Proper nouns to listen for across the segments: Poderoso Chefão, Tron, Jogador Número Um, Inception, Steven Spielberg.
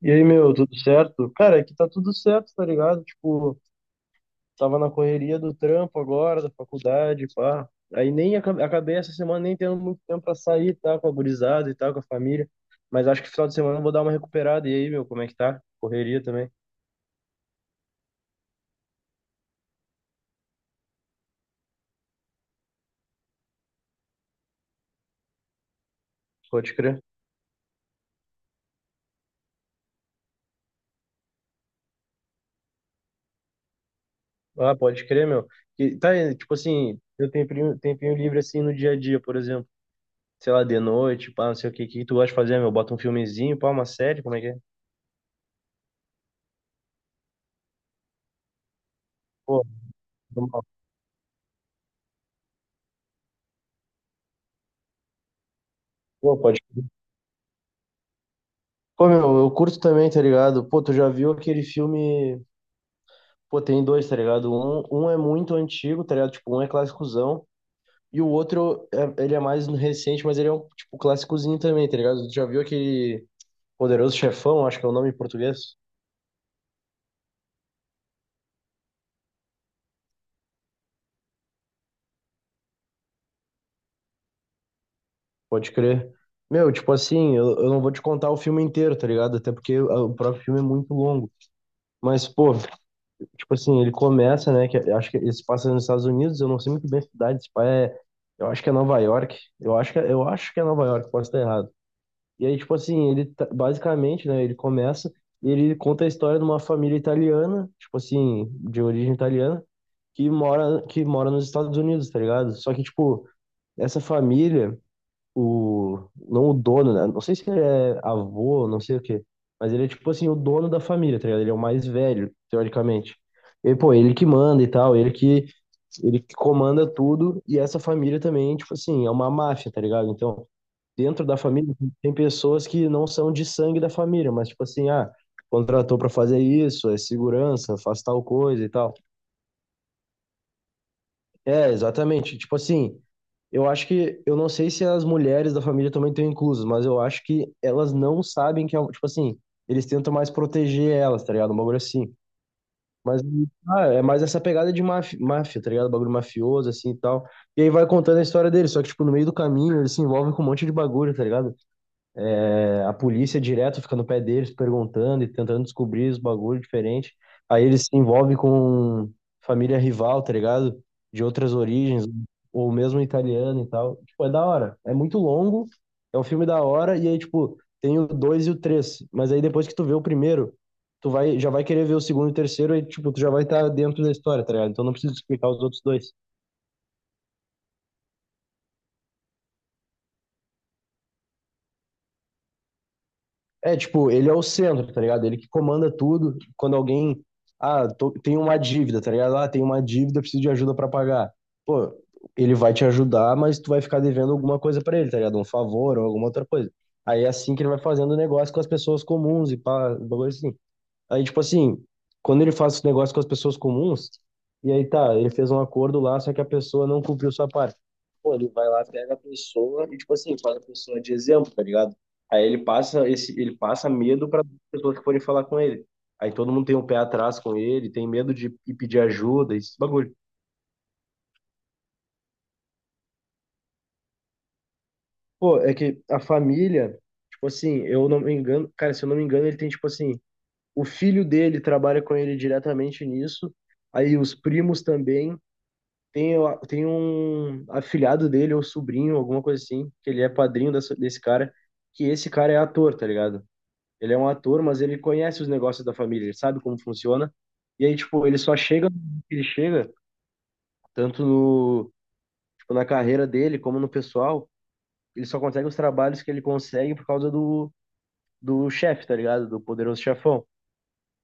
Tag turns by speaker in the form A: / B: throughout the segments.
A: E aí, meu, tudo certo? Cara, aqui tá tudo certo, tá ligado? Tipo, tava na correria do trampo agora, da faculdade, pá. Aí nem aca- acabei essa semana nem tendo muito tempo pra sair, tá? Com a gurizada e tal, com a família. Mas acho que final de semana eu vou dar uma recuperada. E aí, meu, como é que tá? Correria também? Pode crer. Ah, pode crer, meu. E, tá, e, tipo assim, eu tenho tempinho livre assim no dia a dia, por exemplo. Sei lá, de noite, pá, não sei o que, que tu gosta de fazer, meu? Bota um filmezinho, pá, uma série, como é que é? Pô, pô, pode Pô, meu, eu curto também, tá ligado? Pô, tu já viu aquele filme. Pô, tem dois, tá ligado? Um é muito antigo, tá ligado? Tipo, um é clássicozão. E o outro, é, ele é mais recente, mas ele é um, tipo, clássicozinho também, tá ligado? Tu já viu aquele Poderoso Chefão, acho que é o nome em português? Pode crer. Meu, tipo assim, eu não vou te contar o filme inteiro, tá ligado? Até porque ah, o próprio filme é muito longo. Mas, pô, tipo assim, ele começa, né? Que eu acho que ele se passa nos Estados Unidos, eu não sei muito bem a cidade, esse pai é, eu acho que é Nova York, eu acho que, é, eu acho que é Nova York, posso estar errado. E aí, tipo assim, basicamente, né, ele começa, ele conta a história de uma família italiana, tipo assim, de origem italiana, que mora nos Estados Unidos, tá ligado? Só que, tipo, essa família, o, não o dono, né? Não sei se ele é avô, não sei o quê, mas ele é tipo assim, o dono da família, tá ligado? Ele é o mais velho, teoricamente. E, pô, ele que manda e tal, ele que comanda tudo, e essa família também, tipo assim, é uma máfia, tá ligado? Então, dentro da família, tem pessoas que não são de sangue da família, mas tipo assim, ah, contratou pra fazer isso, é segurança, faz tal coisa e tal. É, exatamente. Tipo assim, eu acho que, eu não sei se as mulheres da família também estão inclusas, mas eu acho que elas não sabem tipo assim, eles tentam mais proteger elas, tá ligado? Um bagulho assim. Mas ah, é mais essa pegada de máfia, máfia, tá ligado? Bagulho mafioso, assim e tal. E aí vai contando a história deles, só que, tipo, no meio do caminho eles se envolvem com um monte de bagulho, tá ligado? É, a polícia direto fica no pé deles perguntando e tentando descobrir os bagulho diferente. Aí eles se envolvem com família rival, tá ligado? De outras origens, ou mesmo italiana e tal. Tipo, é da hora. É muito longo, é um filme da hora, e aí, tipo, tem o 2 e o três. Mas aí depois que tu vê o primeiro, já vai querer ver o segundo e o terceiro, e tipo, tu já vai estar dentro da história, tá ligado? Então não preciso explicar os outros dois. É, tipo, ele é o centro, tá ligado? Ele que comanda tudo. Quando alguém, ah, tô, tem uma dívida, tá ligado? Ah, tem uma dívida, preciso de ajuda pra pagar. Pô, ele vai te ajudar, mas tu vai ficar devendo alguma coisa pra ele, tá ligado? Um favor ou alguma outra coisa. Aí é assim que ele vai fazendo negócio com as pessoas comuns e pá, um bagulho assim. Aí, tipo assim, quando ele faz esse negócio com as pessoas comuns, e aí tá, ele fez um acordo lá, só que a pessoa não cumpriu sua parte. Pô, ele vai lá, pega a pessoa e, tipo assim, faz a pessoa de exemplo, tá ligado? Aí ele passa medo para pessoas que forem falar com ele. Aí todo mundo tem um pé atrás com ele, tem medo de ir pedir ajuda, esse bagulho. Pô, é que a família, tipo assim, eu não me engano, cara, se eu não me engano, ele tem, tipo assim, o filho dele trabalha com ele diretamente nisso, aí os primos também. Tem um afilhado dele, ou sobrinho, alguma coisa assim, que ele é padrinho desse cara, que esse cara é ator, tá ligado? Ele é um ator, mas ele conhece os negócios da família, ele sabe como funciona. E aí, tipo, ele chega, tanto no, tipo, na carreira dele, como no pessoal, ele só consegue os trabalhos que ele consegue por causa do, do chefe, tá ligado? Do poderoso chefão.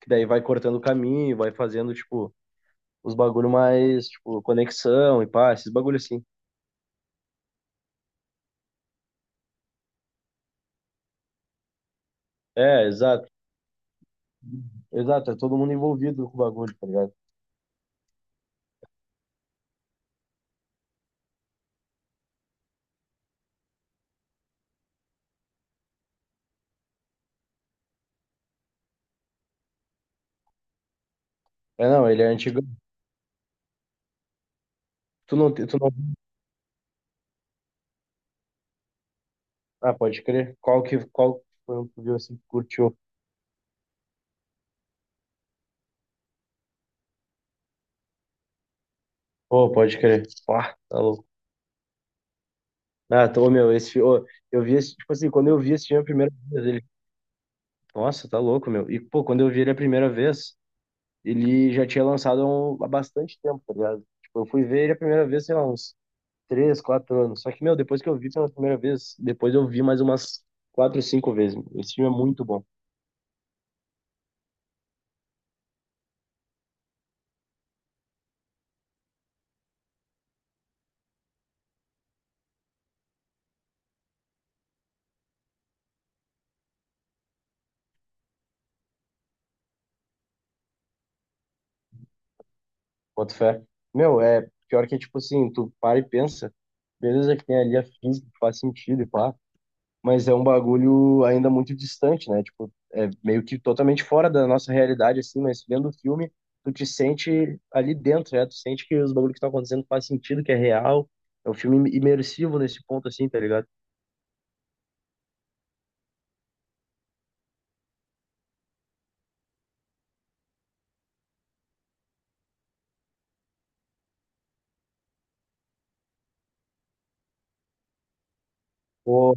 A: Que daí vai cortando o caminho, vai fazendo, tipo, os bagulho mais, tipo, conexão e pá, esses bagulho assim. É, exato. Exato, é todo mundo envolvido com o bagulho, tá ligado? É, não, ele é antigo. Tu não, te- tu não... Ah, pode crer. Qual que foi um que tu viu assim que curtiu? Pô, pode crer. Ah, tá louco. Ah, tô, meu, eu vi esse, tipo assim, quando eu vi esse filme a primeira vez, ele... Nossa, tá louco, meu. E, pô, quando eu vi ele a primeira vez, ele já tinha lançado há um- há bastante tempo, tá ligado? Tipo, eu fui ver ele a primeira vez, sei lá, uns três, quatro anos. Só que, meu, depois que eu vi pela primeira vez, depois eu vi mais umas quatro, cinco vezes, meu. Esse filme é muito bom. Boto fé. Meu, é pior que é tipo assim, tu para e pensa, beleza que tem ali a física, que faz sentido e pá, mas é um bagulho ainda muito distante, né? Tipo, é meio que totalmente fora da nossa realidade, assim, mas vendo o filme, tu te sente ali dentro, né? Tu sente que os bagulhos que estão acontecendo faz sentido, que é real. É um filme imersivo nesse ponto, assim, tá ligado? Pô,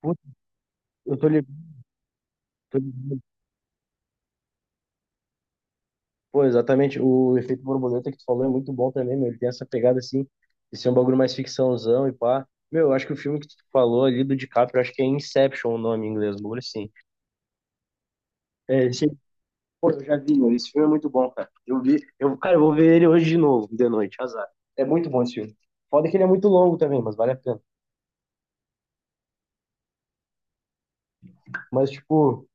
A: putz, eu tô ligado. Pô, exatamente. O efeito borboleta que tu falou é muito bom também, meu. Ele tem essa pegada assim, de ser um bagulho mais ficçãozão e pá. Meu, eu acho que o filme que tu falou ali do DiCaprio, eu acho que é Inception o nome em inglês, um bagulho assim. É, esse... Pô, eu já vi, meu. Esse filme é muito bom, cara. Eu vou ver ele hoje de novo, de noite, azar. É muito bom esse filme. Foda que ele é muito longo também, mas vale a pena. Mas, tipo,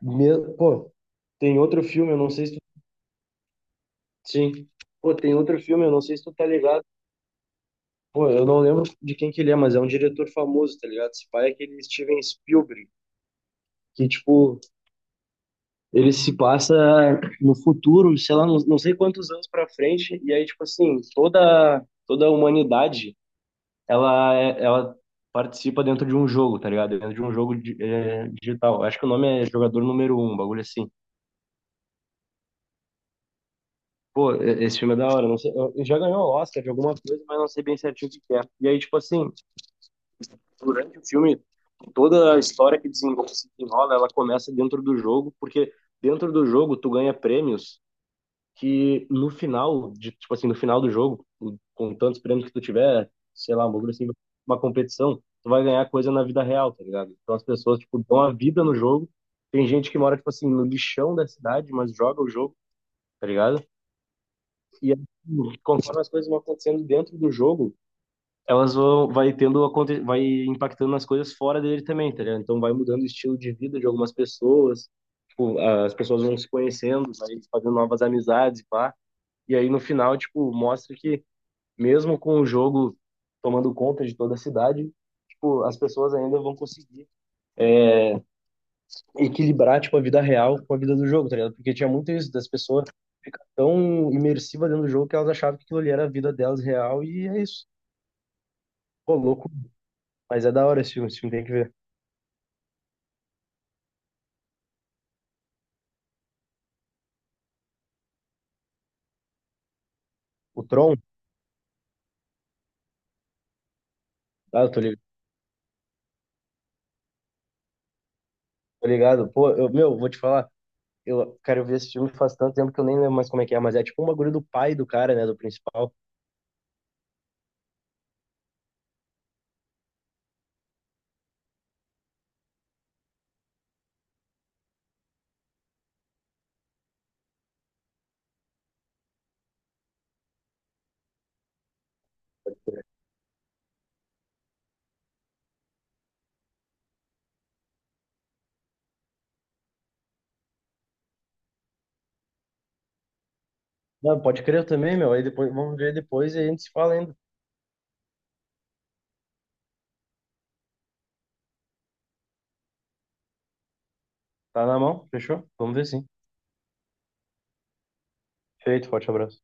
A: me... pô, tem outro filme, eu não sei se tu. Sim. Pô, tem outro filme, eu não sei se tu tá ligado. Pô, eu não lembro de quem que ele é, mas é um diretor famoso, tá ligado? Esse pai é aquele Steven Spielberg, que, tipo, ele se passa no futuro, sei lá, não sei quantos anos pra frente, e aí, tipo assim, toda a humanidade, ela participa dentro de um jogo, tá ligado? Dentro de um jogo di- é, digital. Acho que o nome é Jogador Número Um, um bagulho assim. Pô, esse filme é da hora, não sei, ele já ganhou o Oscar de alguma coisa, mas não sei bem certinho o que que é. E aí, tipo assim, durante o filme, toda a história que desenrola, se desenrola, ela começa dentro do jogo, porque dentro do jogo tu ganha prêmios que no final, de, tipo assim, no final do jogo, com tantos prêmios que tu tiver, sei lá, um bagulho assim, uma competição, tu vai ganhar coisa na vida real, tá ligado? Então as pessoas, tipo, dão a vida no jogo. Tem gente que mora, tipo assim, no lixão da cidade, mas joga o jogo, tá ligado? E aí, conforme as coisas vão acontecendo dentro do jogo, elas vão vai tendo vai impactando nas coisas fora dele também, tá ligado? Então vai mudando o estilo de vida de algumas pessoas, tipo, as pessoas vão se conhecendo, vai fazendo novas amizades, e pá. E aí no final, tipo, mostra que mesmo com o jogo tomando conta de toda a cidade, tipo, as pessoas ainda vão conseguir equilibrar, tipo, a vida real com a vida do jogo, tá ligado? Porque tinha muito isso das pessoas ficar tão imersiva dentro do jogo que elas achavam que aquilo ali era a vida delas real e é isso. Pô, louco, mas é da hora esse filme tem que ver. O Tron, ah, eu tô ligado tô ligado. Pô, eu, meu, vou te falar. Eu vi esse filme faz tanto tempo que eu nem lembro mais como é que é, mas é tipo um bagulho do pai do cara, né, do principal. Não, pode crer também, meu. Aí depois, vamos ver depois e a gente se fala ainda. Tá na mão? Fechou? Vamos ver sim. Feito, forte abraço.